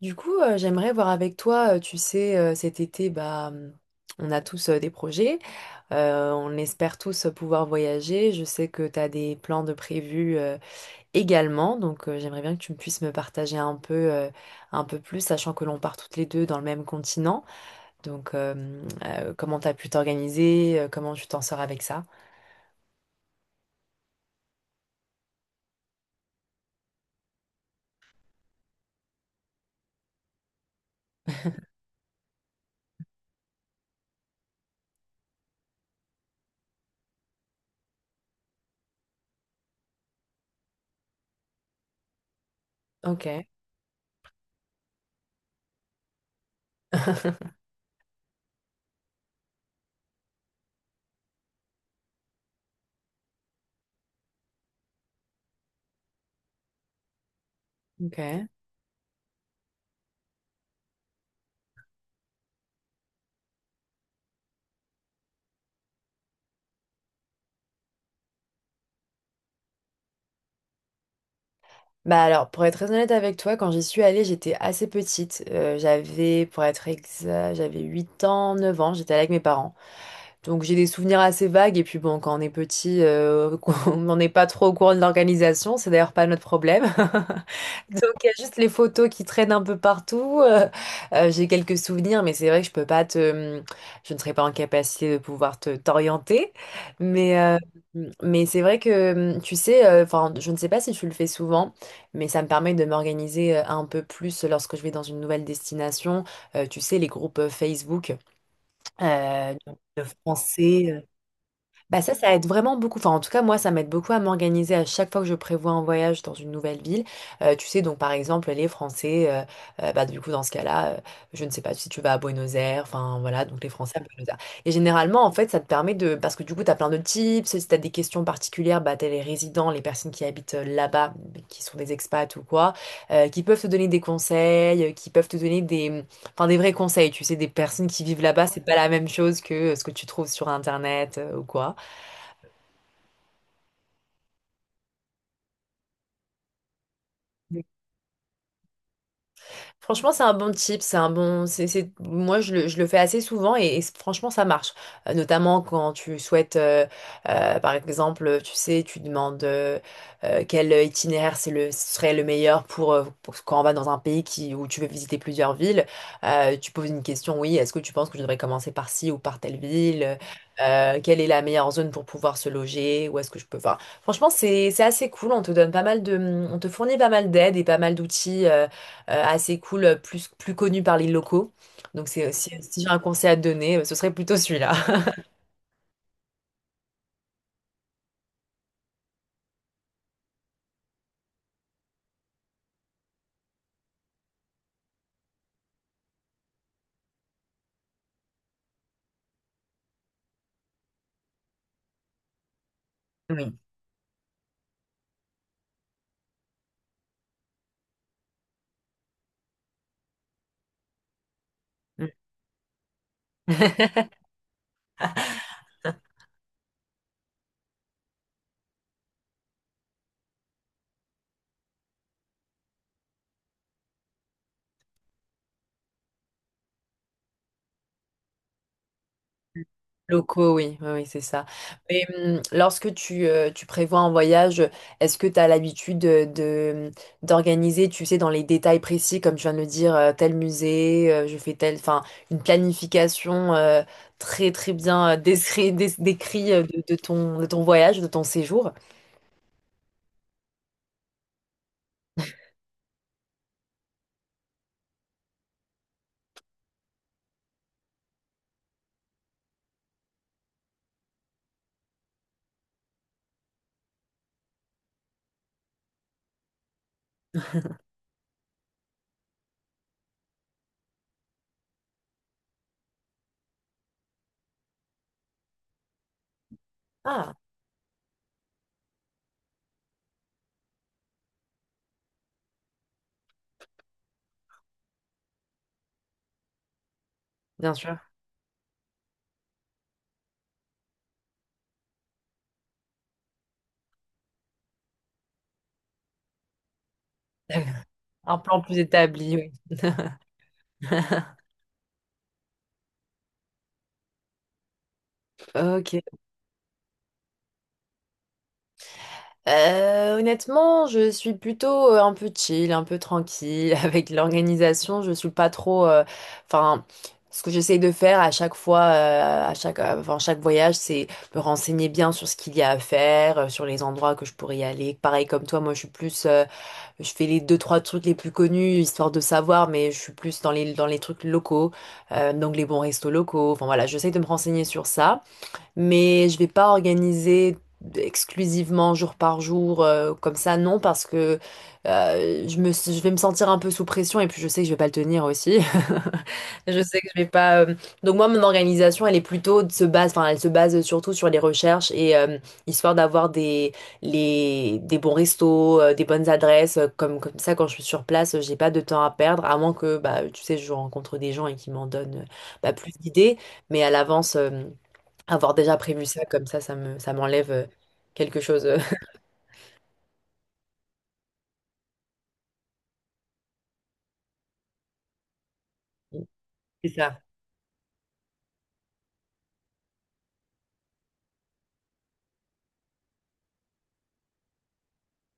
Du coup, j'aimerais voir avec toi, tu sais, cet été, bah, on a tous des projets, on espère tous pouvoir voyager. Je sais que tu as des plans de prévus également, donc j'aimerais bien que tu me puisses me partager un peu plus, sachant que l'on part toutes les deux dans le même continent. Donc, comment tu as pu t'organiser, comment tu t'en sors avec ça? Ok. Ok. Bah alors, pour être très honnête avec toi, quand j'y suis allée, j'étais assez petite. J'avais, pour être exact, j'avais 8 ans, 9 ans, j'étais allée avec mes parents. Donc j'ai des souvenirs assez vagues et puis bon, quand on est petit, on n'en est pas trop au courant de l'organisation, c'est d'ailleurs pas notre problème. Donc il y a juste les photos qui traînent un peu partout. J'ai quelques souvenirs, mais c'est vrai que je peux pas te, je ne serai pas en capacité de pouvoir te t'orienter. Mais euh, mais c'est vrai que tu sais, enfin je ne sais pas si tu le fais souvent, mais ça me permet de m'organiser un peu plus lorsque je vais dans une nouvelle destination. Tu sais les groupes Facebook de, français. Bah ça, ça aide vraiment beaucoup. Enfin, en tout cas, moi, ça m'aide beaucoup à m'organiser à chaque fois que je prévois un voyage dans une nouvelle ville. Tu sais, donc par exemple, les Français, bah du coup, dans ce cas-là, je ne sais pas si tu vas à Buenos Aires, enfin voilà, donc les Français à Buenos Aires. Et généralement, en fait, ça te permet de... Parce que du coup, tu as plein de tips, si tu as des questions particulières, bah t'as les résidents, les personnes qui habitent là-bas, qui sont des expats ou quoi, qui peuvent te donner des conseils, qui peuvent te donner des... Enfin, des vrais conseils, tu sais, des personnes qui vivent là-bas, c'est pas la même chose que ce que tu trouves sur Internet ou quoi. Franchement, c'est un bon tip, c'est un bon, c'est- moi je le fais assez souvent et franchement ça marche. Notamment quand tu souhaites, par exemple, tu sais, tu demandes quel itinéraire serait le meilleur pour quand on va dans un pays qui, où tu veux visiter plusieurs villes. Tu poses une question, oui, est-ce que tu penses que je devrais commencer par ci ou par telle ville? Quelle est la meilleure zone pour pouvoir se loger? Où est-ce que je peux? Enfin, franchement, c'est assez cool. On te fournit pas mal d'aide et pas mal d'outils. Assez cool, plus connu par les locaux. Donc si j'ai un conseil à te donner, ce serait plutôt celui-là. Oui. Mm. Locaux, oui, oui, oui, c'est ça. Et lorsque tu prévois un voyage, est-ce que tu as l'habitude d'organiser, tu sais, dans les détails précis, comme tu viens de le dire, tel musée, je fais tel, enfin, une planification très, très bien décrit, de ton voyage, de ton séjour? Ah, bien sûr. Un plan plus établi, oui. Ok. Honnêtement, je suis plutôt un peu chill, un peu tranquille avec l'organisation. Je suis pas trop. Enfin, ce que j'essaye de faire à chaque fois, enfin, chaque voyage, c'est me renseigner bien sur ce qu'il y a à faire, sur les endroits que je pourrais y aller. Pareil comme toi, moi, je suis plus. Je fais les deux trois trucs les plus connus histoire de savoir, mais je suis plus dans les trucs locaux, donc les bons restos locaux. Enfin voilà, j'essaye de me renseigner sur ça mais je vais pas organiser exclusivement jour par jour comme ça, non, parce que je vais me sentir un peu sous pression et puis je sais que je vais pas le tenir aussi. Je sais que je vais pas. Donc moi, mon organisation, elle est plutôt enfin, elle se base surtout sur les recherches et histoire d'avoir des bons restos, des bonnes adresses, comme ça quand je suis sur place, j'ai pas de temps à perdre, à moins que bah tu sais, je rencontre des gens et qui m'en donnent bah, plus d'idées, mais à l'avance. Avoir déjà prévu ça, comme ça, ça m'enlève quelque chose. C'est ça,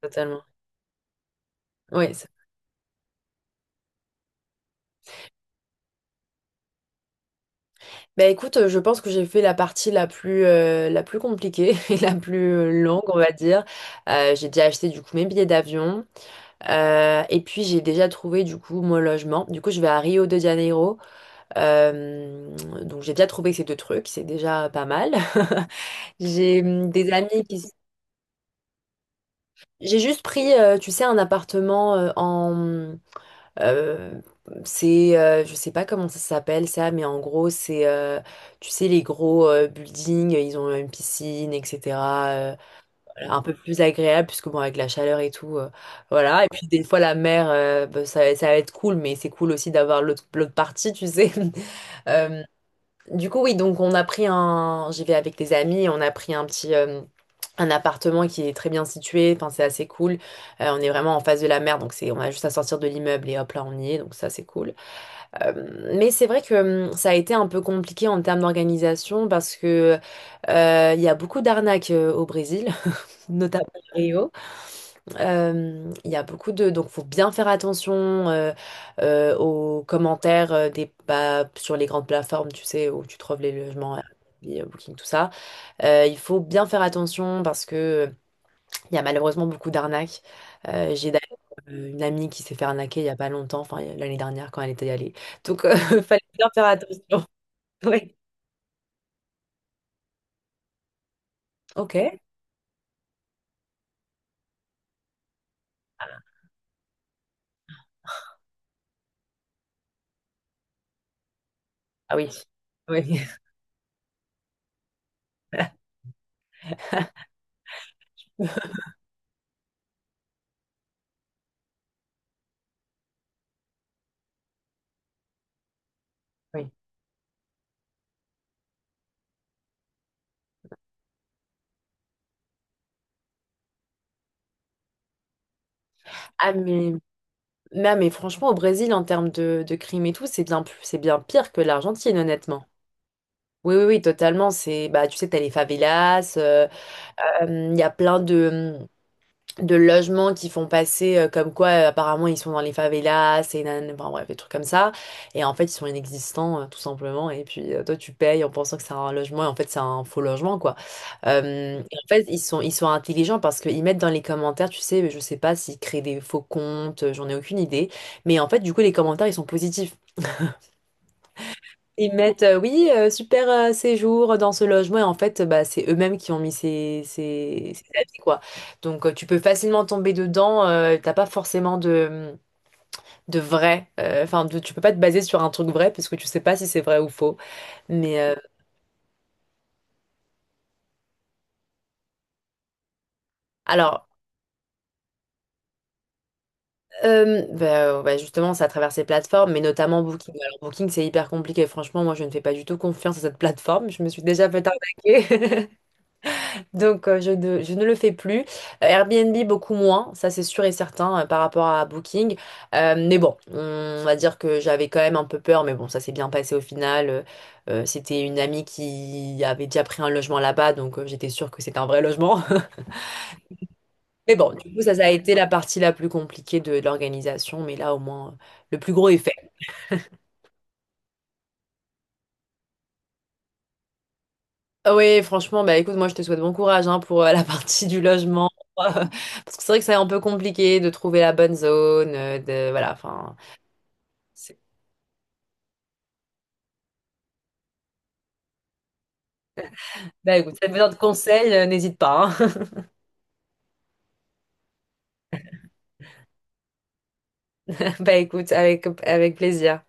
totalement. Oui. Bah écoute, je pense que j'ai fait la partie la plus compliquée et la plus longue, on va dire. J'ai déjà acheté du coup mes billets d'avion. Et puis j'ai déjà trouvé du coup mon logement. Du coup, je vais à Rio de Janeiro. Euh, donc j'ai déjà trouvé ces deux trucs, c'est déjà pas mal. J'ai des amis qui... J'ai juste pris, tu sais, un appartement en... Euh, c'est, je sais pas comment ça s'appelle ça, mais en gros, c'est, tu sais, les gros buildings, ils ont une piscine, etc. euh, voilà, un peu plus agréable, puisque bon, avec la chaleur et tout, voilà. Et puis des fois, la mer, bah, ça va être cool, mais c'est cool aussi d'avoir l'autre partie, tu sais. Euh, du coup, oui, donc on a pris un... J'y vais avec des amis, on a pris un petit... un appartement qui est très bien situé, enfin, c'est assez cool. On est vraiment en face de la mer, donc on a juste à sortir de l'immeuble et hop là on y est, donc ça c'est cool. Mais c'est vrai que ça a été un peu compliqué en termes d'organisation parce que il y a beaucoup d'arnaques au Brésil, notamment à Rio. Il y a beaucoup de... Donc, faut bien faire attention aux commentaires bah, sur les grandes plateformes, tu sais, où tu trouves les logements, Airbnb, Booking, tout ça. Il faut bien faire attention parce que il y a malheureusement beaucoup d'arnaques. J'ai d'ailleurs une amie qui s'est fait arnaquer il y a pas longtemps, enfin l'année dernière quand elle était allée. Donc, fallait bien faire attention. Oui. Ok. Ah oui. Oui. Oui. Ah, mais non, mais franchement, au Brésil, en termes de crime et tout, c'est bien pire que l'Argentine, honnêtement. Oui, oui, oui, totalement. Bah, tu sais, t'as les favelas, il y a plein de logements qui font passer comme quoi apparemment ils sont dans les favelas et nan, enfin bref des trucs comme ça et en fait ils sont inexistants tout simplement et puis toi tu payes en pensant que c'est un logement et en fait c'est un faux logement quoi. Et en fait ils sont intelligents parce qu'ils mettent dans les commentaires, tu sais, je sais pas s'ils créent des faux comptes, j'en ai aucune idée, mais en fait du coup les commentaires ils sont positifs, ils mettent, oui, super séjour dans ce logement. Et en fait, bah, c'est eux-mêmes qui ont mis ces avis, quoi. Donc, tu peux facilement tomber dedans. T'as pas forcément de vrai. Enfin, tu peux pas te baser sur un truc vrai parce que tu sais pas si c'est vrai ou faux. Mais alors, bah, ouais, justement, c'est à travers ces plateformes, mais notamment Booking. Alors, Booking, c'est hyper compliqué. Franchement, moi, je ne fais pas du tout confiance à cette plateforme. Je me suis déjà fait arnaquer. Donc, je ne le fais plus. Airbnb, beaucoup moins, ça c'est sûr et certain par rapport à Booking. Mais bon, on va dire que j'avais quand même un peu peur, mais bon, ça s'est bien passé au final. C'était une amie qui avait déjà pris un logement là-bas, donc j'étais sûre que c'était un vrai logement. Mais bon, du coup, ça a été la partie la plus compliquée de l'organisation, mais là, au moins, le plus gros est fait. Ah oui, franchement, bah écoute, moi je te souhaite bon courage hein, pour la partie du logement. Parce que c'est vrai que c'est un peu compliqué de trouver la bonne zone, voilà, enfin. C'est- Bah écoute, si tu as besoin de conseils, n'hésite pas, hein. Bah écoute, avec plaisir.